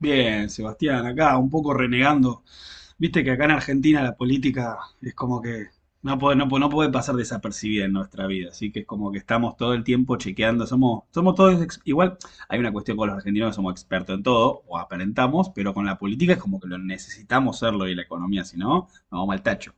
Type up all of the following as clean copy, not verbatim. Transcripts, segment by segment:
Bien, Sebastián, acá un poco renegando. Viste que acá en Argentina la política es como que no puede pasar desapercibida en nuestra vida, así que es como que estamos todo el tiempo chequeando, somos todos, igual hay una cuestión con los argentinos que somos expertos en todo, o aparentamos, pero con la política es como que lo necesitamos serlo y la economía, si no, nos vamos al tacho.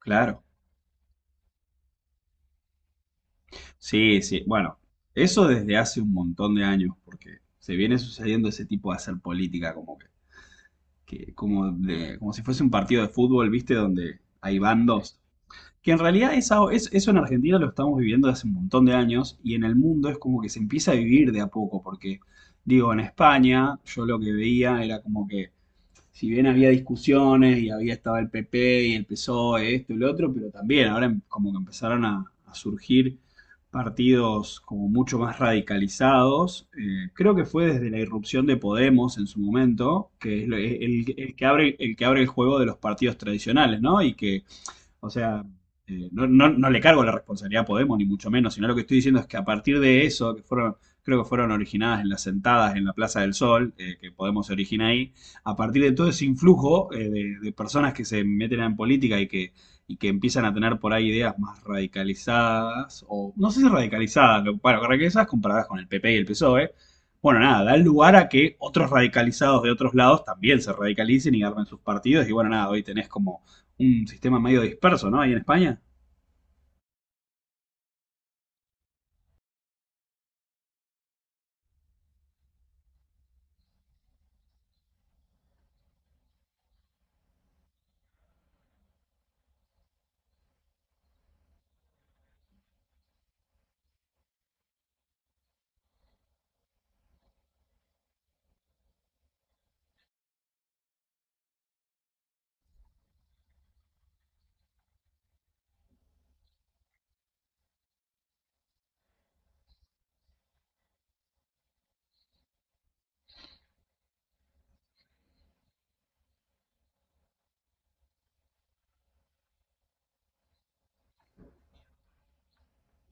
Claro. Sí, sí, bueno, eso desde hace un montón de años, porque se viene sucediendo ese tipo de hacer política, como que como, de, como si fuese un partido de fútbol, ¿viste? Donde hay bandos. Que en realidad eso en Argentina lo estamos viviendo desde hace un montón de años y en el mundo es como que se empieza a vivir de a poco, porque digo, en España yo lo que veía era como que si bien había discusiones y había estado el PP y el PSOE, esto y lo otro, pero también ahora como que empezaron a surgir partidos como mucho más radicalizados. Creo que fue desde la irrupción de Podemos en su momento, que es el que abre, el que abre el juego de los partidos tradicionales, ¿no? Y que o sea, no le cargo la responsabilidad a Podemos, ni mucho menos, sino lo que estoy diciendo es que a partir de eso, que fueron, creo que fueron originadas en las sentadas en la Plaza del Sol, que Podemos se origina ahí, a partir de todo ese influjo de personas que se meten en política y que empiezan a tener por ahí ideas más radicalizadas, o no sé si radicalizadas, pero, bueno, radicalizadas comparadas con el PP y el PSOE, bueno, nada, da lugar a que otros radicalizados de otros lados también se radicalicen y armen sus partidos. Y bueno, nada, hoy tenés como un sistema medio disperso, ¿no? Ahí en España.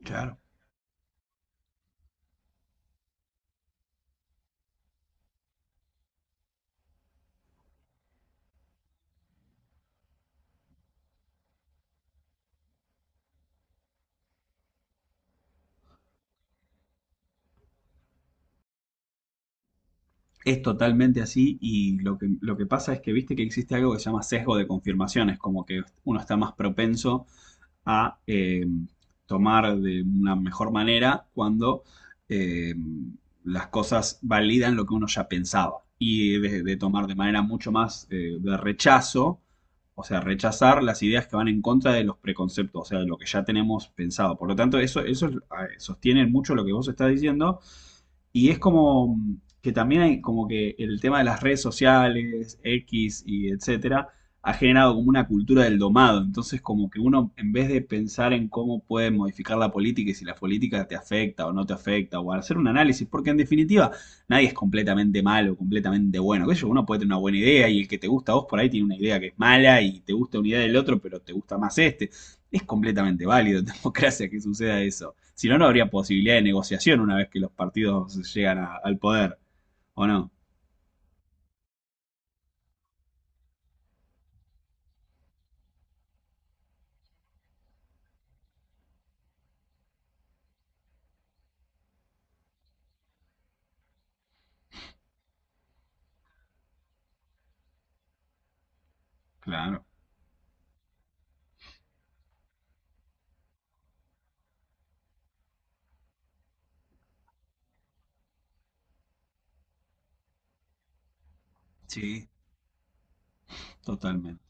Claro. Es totalmente así y lo que pasa es que viste que existe algo que se llama sesgo de confirmaciones, como que uno está más propenso a tomar de una mejor manera cuando eh, las cosas validan lo que uno ya pensaba y de tomar de manera mucho más de rechazo, o sea, rechazar las ideas que van en contra de los preconceptos, o sea, de lo que ya tenemos pensado. Por lo tanto, eso sostiene mucho lo que vos estás diciendo. Y es como que también hay como que el tema de las redes sociales, X y etcétera, ha generado como una cultura del domado. Entonces, como que uno, en vez de pensar en cómo puede modificar la política y si la política te afecta o no te afecta, o hacer un análisis, porque en definitiva nadie es completamente malo, completamente bueno. Que uno puede tener una buena idea y el que te gusta a vos por ahí tiene una idea que es mala y te gusta una idea del otro, pero te gusta más este. Es completamente válido en democracia que suceda eso. Si no, no habría posibilidad de negociación una vez que los partidos llegan al poder. ¿O no? Claro. Sí, totalmente.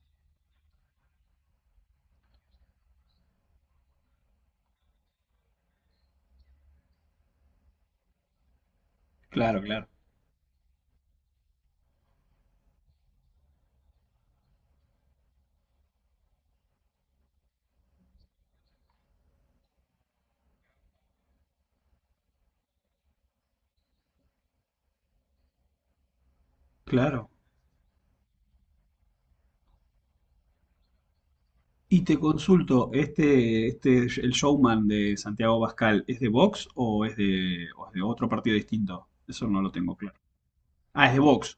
Claro, claro, claro. Y te consulto, este, el showman de Santiago Bascal, ¿es de Vox o es de otro partido distinto? Eso no lo tengo claro. Ah, es de Vox.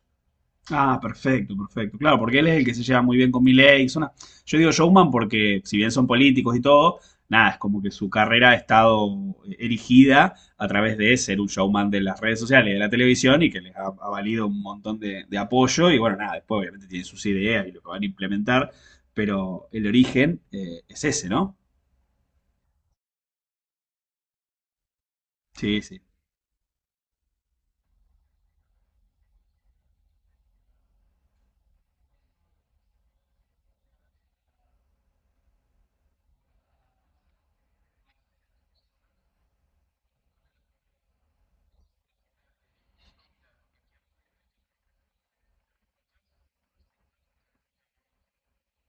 Ah, perfecto, perfecto. Claro, porque él es el que se lleva muy bien con Milei. Yo digo showman porque, si bien son políticos y todo, nada, es como que su carrera ha estado erigida a través de ser un showman de las redes sociales, de la televisión y que les ha, valido un montón de apoyo. Y bueno, nada, después obviamente tienen sus ideas y lo que van a implementar, pero el origen es ese, ¿no? Sí, sí,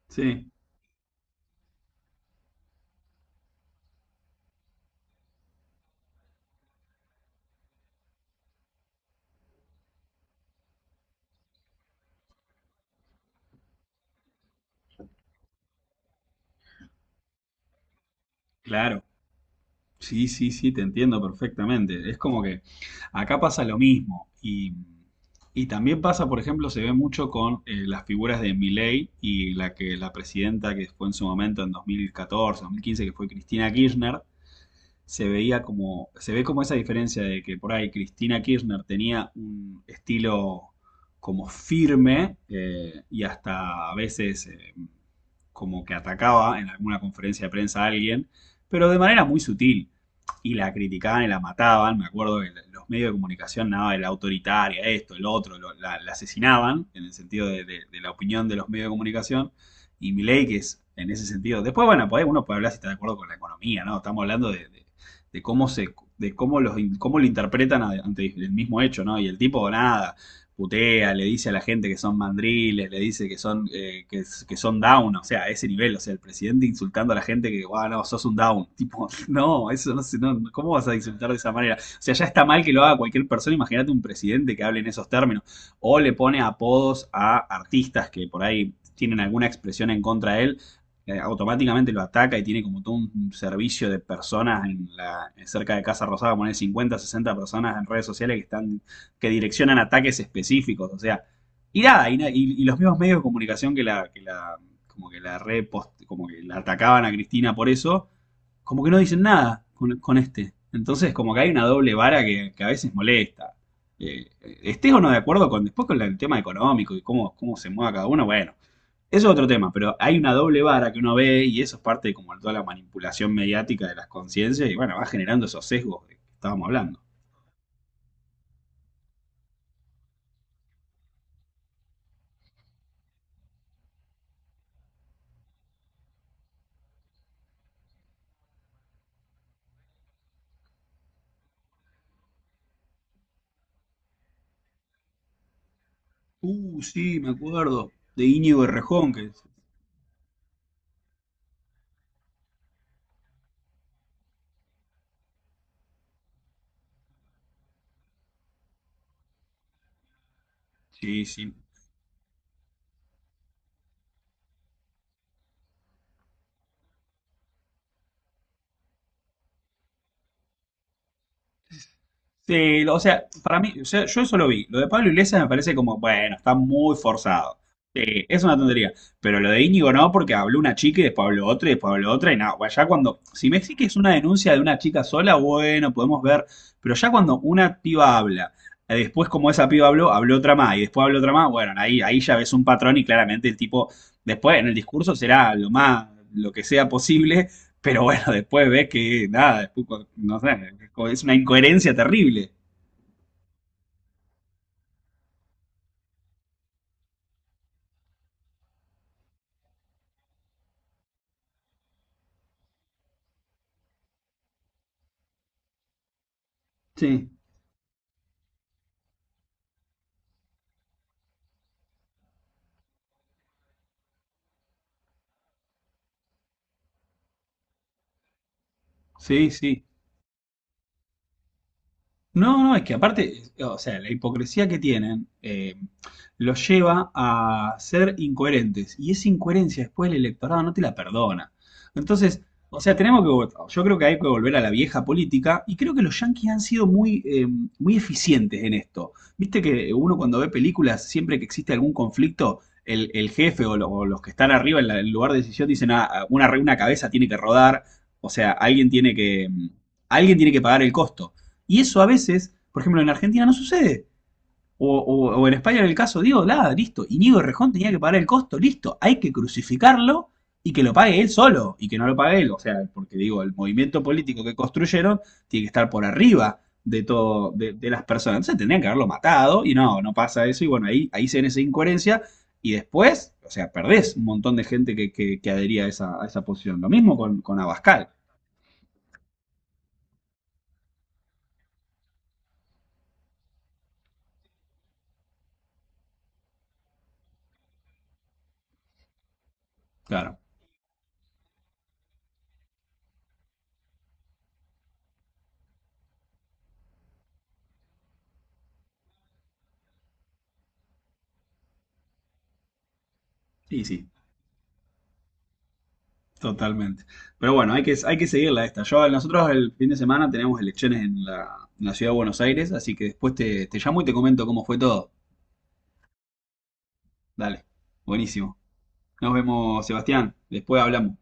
sí, claro. Sí, sí, sí, te entiendo perfectamente. Es como que acá pasa lo mismo. Y también pasa, por ejemplo, se ve mucho con las figuras de Milei y la que la presidenta que fue en su momento en 2014, 2015 que fue Cristina Kirchner, se veía como, se ve como esa diferencia de que por ahí Cristina Kirchner tenía un estilo como firme y hasta a veces como que atacaba en alguna conferencia de prensa a alguien, pero de manera muy sutil. Y la criticaban y la mataban, me acuerdo que los medios de comunicación, nada, de la autoritaria, esto, el otro, la asesinaban, en el sentido de la opinión de los medios de comunicación, y Milei que es en ese sentido. Después, bueno, uno puede hablar si está de acuerdo con la economía, ¿no? Estamos hablando de cómo se, de cómo los, cómo lo interpretan ante el mismo hecho, ¿no? Y el tipo nada, putea, le dice a la gente que son mandriles, le dice que son down, o sea, a ese nivel, o sea, el presidente insultando a la gente que, wow, no, sos un down, tipo, no, eso no sé, no, ¿cómo vas a insultar de esa manera? O sea, ya está mal que lo haga cualquier persona, imagínate un presidente que hable en esos términos, o le pone apodos a artistas que por ahí tienen alguna expresión en contra de él, automáticamente lo ataca y tiene como todo un servicio de personas en la, cerca de Casa Rosada, poner 50, 60 personas en redes sociales que están, que direccionan ataques específicos, o sea, y nada, y los mismos medios de comunicación que la, como que la repost, como que la atacaban a Cristina por eso, como que no dicen nada con este. Entonces, como que hay una doble vara que a veces molesta. Estés o no de acuerdo con después con el tema económico y cómo se mueve cada uno, bueno, es otro tema, pero hay una doble vara que uno ve y eso es parte de como toda la manipulación mediática de las conciencias y bueno, va generando esos sesgos de que estábamos hablando. Sí, me acuerdo, de Íñigo Errejón, que sí, sí. Sí, o sea, para mí, o sea, yo eso lo vi. Lo de Pablo Iglesias me parece como, bueno, está muy forzado. Sí, es una tontería. Pero lo de Íñigo no, porque habló una chica y después habló otra y después habló otra y nada. Bueno, ya cuando, si me decís que es una denuncia de una chica sola, bueno, podemos ver. Pero ya cuando una piba habla, después como esa piba habló, habló otra más y después habló otra más, bueno, ahí ya ves un patrón y claramente el tipo, después en el discurso será lo más, lo que sea posible pero bueno, después ves que nada, después, no sé, es una incoherencia terrible. Sí. Sí, sí. No, no, es que aparte, o sea, la hipocresía que tienen los lleva a ser incoherentes. Y esa incoherencia después el electorado no te la perdona. Entonces, o sea, tenemos que, yo creo que hay que volver a la vieja política y creo que los yanquis han sido muy, muy eficientes en esto. Viste que uno cuando ve películas, siempre que existe algún conflicto, el jefe o, o los que están arriba en el lugar de decisión dicen, "Ah, una cabeza tiene que rodar, o sea, alguien tiene que pagar el costo. Y eso a veces, por ejemplo, en Argentina no sucede. O, o en España en el caso, digo, nada, listo. Íñigo Rejón tenía que pagar el costo, listo. Hay que crucificarlo y que lo pague él solo y que no lo pague él. O sea, porque digo, el movimiento político que construyeron tiene que estar por arriba de todo, de las personas. Entonces tendrían que haberlo matado y no, no pasa eso. Y bueno, ahí se ven esa incoherencia y después, o sea, perdés un montón de gente que adhería a esa posición. Lo mismo con, Abascal, claro. Sí, sí. Totalmente. Pero bueno, hay que seguirla esta. Nosotros el fin de semana tenemos elecciones en la ciudad de Buenos Aires, así que después te llamo y te comento cómo fue todo. Dale, buenísimo. Nos vemos, Sebastián. Después hablamos.